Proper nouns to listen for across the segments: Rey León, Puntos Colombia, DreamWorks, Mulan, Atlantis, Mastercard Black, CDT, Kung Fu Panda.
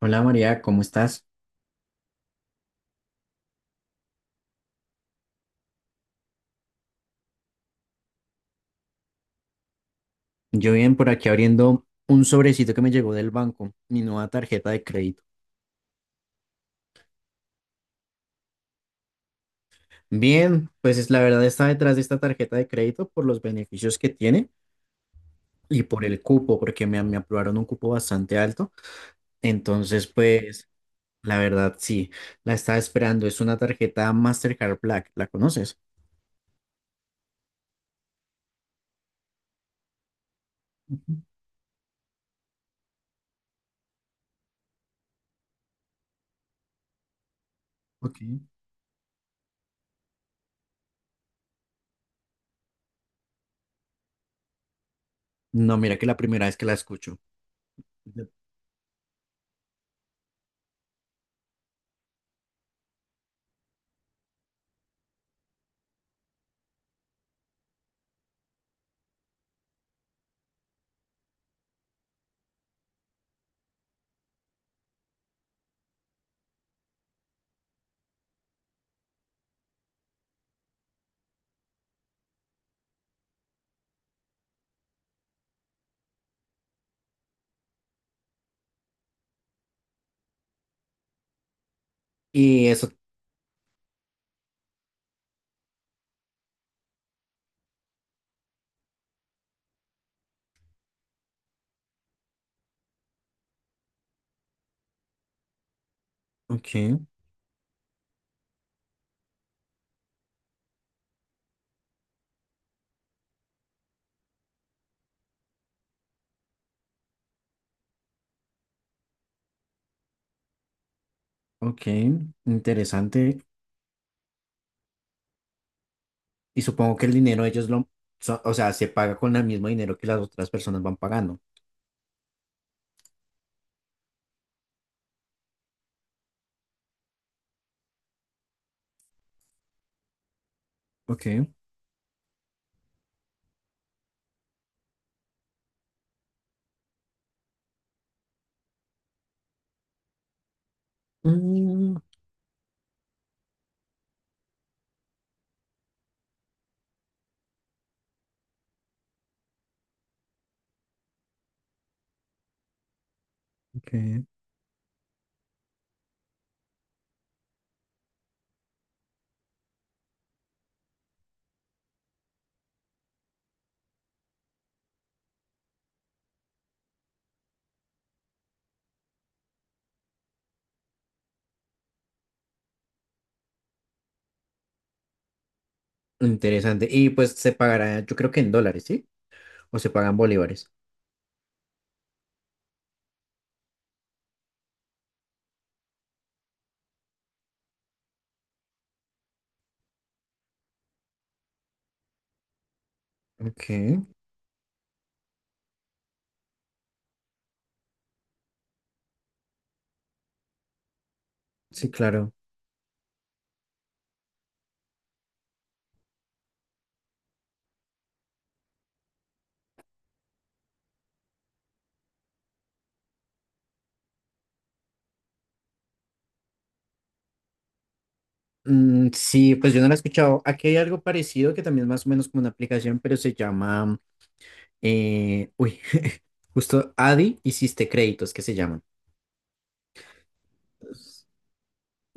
Hola María, ¿cómo estás? Yo bien por aquí abriendo un sobrecito que me llegó del banco, mi nueva tarjeta de crédito. Bien, pues es la verdad está detrás de esta tarjeta de crédito por los beneficios que tiene y por el cupo, porque me aprobaron un cupo bastante alto. Entonces, pues la verdad sí, la estaba esperando. Es una tarjeta Mastercard Black, ¿la conoces? Ok. No, mira que la primera vez que la escucho. Y eso, ok, ok, interesante. Y supongo que el dinero ellos lo, o sea, se paga con el mismo dinero que las otras personas van pagando. Ok. Mm, ok. Interesante. Y pues se pagará, yo creo que en dólares, ¿sí? O se pagan bolívares. Ok. Sí, claro. Mm, sí, pues yo no lo he escuchado. Aquí hay algo parecido que también es más o menos como una aplicación, pero se llama, uy, justo Adi Hiciste Créditos, que se llaman.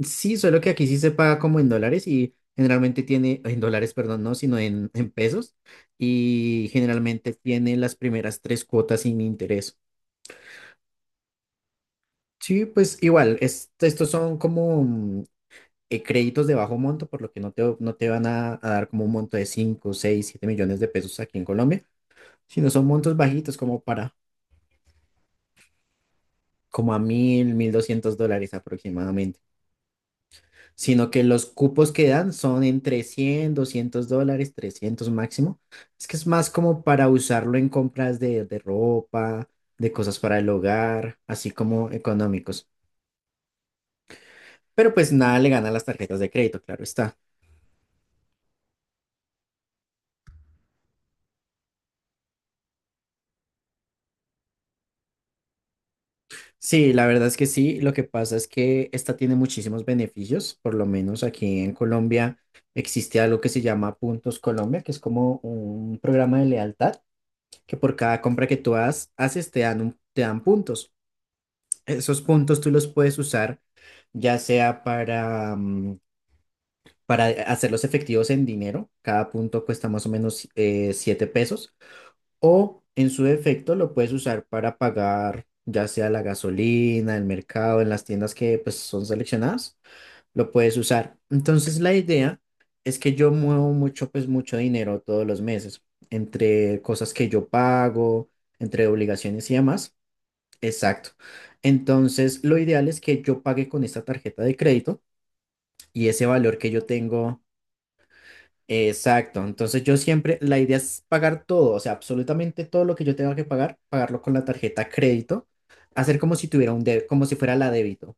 Sí, solo que aquí sí se paga como en dólares y generalmente tiene, en dólares, perdón, no, sino en pesos y generalmente tiene las primeras tres cuotas sin interés. Sí, pues igual, estos son como créditos de bajo monto, por lo que no te van a dar como un monto de 5, 6, 7 millones de pesos aquí en Colombia, sino son montos bajitos como para, como a 1000, 1200 dólares aproximadamente. Sino que los cupos que dan son entre 100 200 dólares, 300 máximo. Es que es más como para usarlo en compras de ropa, de cosas para el hogar, así como económicos. Pero pues nada le gana a las tarjetas de crédito, claro está. Sí, la verdad es que sí, lo que pasa es que esta tiene muchísimos beneficios, por lo menos aquí en Colombia existe algo que se llama Puntos Colombia, que es como un programa de lealtad que por cada compra que tú haces te dan te dan puntos. Esos puntos tú los puedes usar ya sea para hacerlos efectivos en dinero, cada punto cuesta más o menos 7 pesos, o en su defecto lo puedes usar para pagar ya sea la gasolina, el mercado, en las tiendas que pues, son seleccionadas, lo puedes usar. Entonces la idea es que yo muevo mucho, pues mucho dinero todos los meses, entre cosas que yo pago, entre obligaciones y demás. Exacto. Entonces, lo ideal es que yo pague con esta tarjeta de crédito y ese valor que yo tengo. Exacto. Entonces, yo siempre, la idea es pagar todo, o sea, absolutamente todo lo que yo tenga que pagar, pagarlo con la tarjeta crédito, hacer como si tuviera un débito, como si fuera la débito,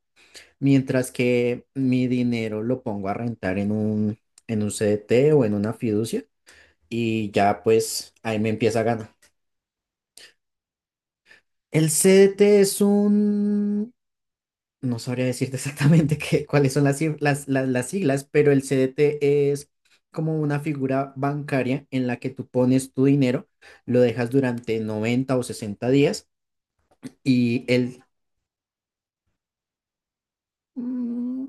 mientras que mi dinero lo pongo a rentar en un, CDT o en una fiducia y ya pues ahí me empieza a ganar. El CDT es un. No sabría decirte exactamente cuáles son las, cif- las siglas, pero el CDT es como una figura bancaria en la que tú pones tu dinero, lo dejas durante 90 o 60 días. y el... mm,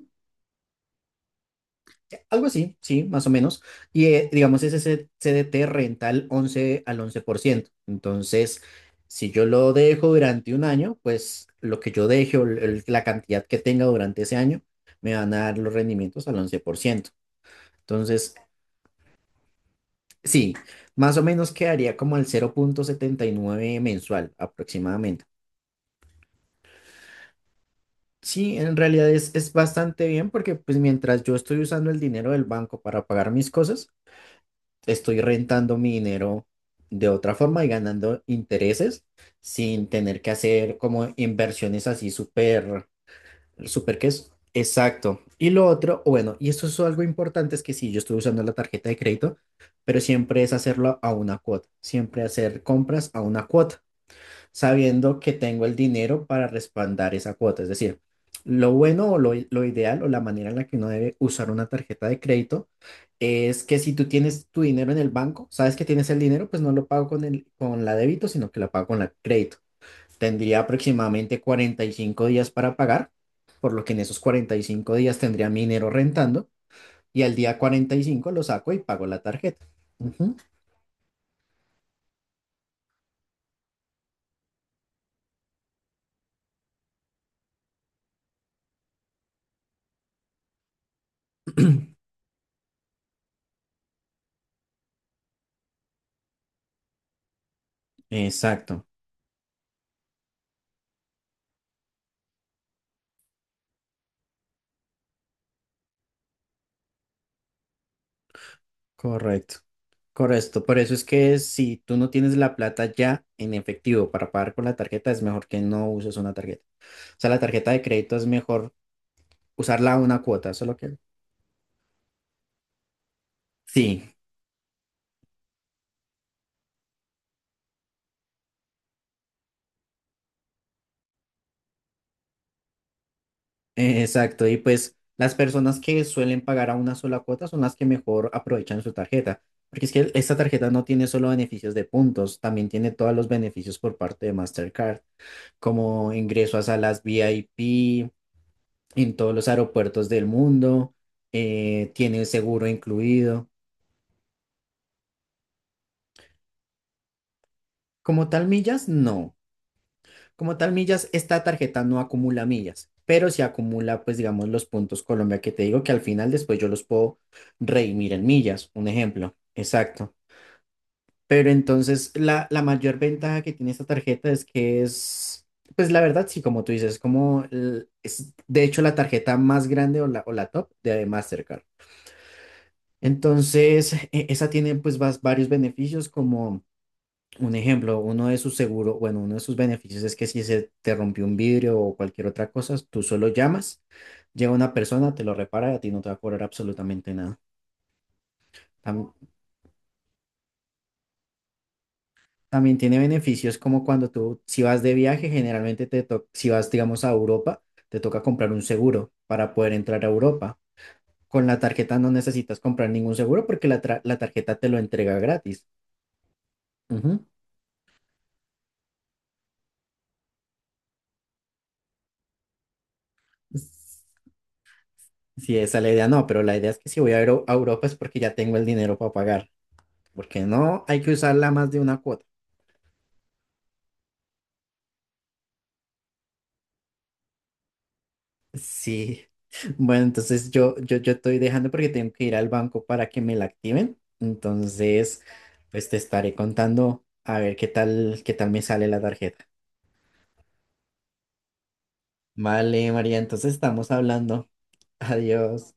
Algo así, sí, más o menos. Y digamos, ese CDT renta al once por ciento. Entonces, si yo lo dejo durante un año, pues lo que yo deje o la cantidad que tenga durante ese año me van a dar los rendimientos al 11%. Entonces, sí, más o menos quedaría como al 0,79 mensual aproximadamente. Sí, en realidad es bastante bien porque pues mientras yo estoy usando el dinero del banco para pagar mis cosas, estoy rentando mi dinero de otra forma y ganando intereses sin tener que hacer como inversiones así súper, súper que es. Exacto. Y lo otro, o bueno, y esto es algo importante, es que sí, yo estoy usando la tarjeta de crédito, pero siempre es hacerlo a una cuota, siempre hacer compras a una cuota. Sabiendo que tengo el dinero para respaldar esa cuota. Es decir, lo bueno o lo ideal o la manera en la que uno debe usar una tarjeta de crédito es que si tú tienes tu dinero en el banco, sabes que tienes el dinero, pues no lo pago con el, con la débito, sino que la pago con la crédito. Tendría aproximadamente 45 días para pagar, por lo que en esos 45 días tendría mi dinero rentando y al día 45 lo saco y pago la tarjeta. Ujú. Exacto. Correcto, correcto. Por eso es que si tú no tienes la plata ya en efectivo para pagar con la tarjeta, es mejor que no uses una tarjeta. O sea, la tarjeta de crédito es mejor usarla a una cuota, eso es lo que... Sí, exacto. Y pues las personas que suelen pagar a una sola cuota son las que mejor aprovechan su tarjeta. Porque es que esta tarjeta no tiene solo beneficios de puntos, también tiene todos los beneficios por parte de Mastercard, como ingreso a salas VIP, en todos los aeropuertos del mundo, tiene el seguro incluido. Como tal millas, no. Como tal millas, esta tarjeta no acumula millas, pero sí acumula, pues digamos, los puntos Colombia que te digo que al final después yo los puedo redimir en millas, un ejemplo. Exacto. Pero entonces la mayor ventaja que tiene esta tarjeta es que es, pues la verdad, sí, como tú dices, como es de hecho la tarjeta más grande o la, top de Mastercard. Entonces, esa tiene pues varios beneficios, como un ejemplo, uno de sus seguros, bueno, uno de sus beneficios es que si se te rompió un vidrio o cualquier otra cosa, tú solo llamas, llega una persona, te lo repara y a ti no te va a cobrar absolutamente nada. Tam- también tiene beneficios como cuando tú, si vas de viaje, generalmente si vas, digamos, a Europa, te toca comprar un seguro para poder entrar a Europa. Con la tarjeta no necesitas comprar ningún seguro porque la tarjeta te lo entrega gratis. Ujú. Sí, esa es la idea, no, pero la idea es que si voy a ir a Europa es porque ya tengo el dinero para pagar, porque no hay que usarla más de una cuota. Sí, bueno, entonces yo estoy dejando porque tengo que ir al banco para que me la activen, entonces pues te estaré contando a ver qué tal me sale la tarjeta. Vale, María, entonces estamos hablando. Adiós.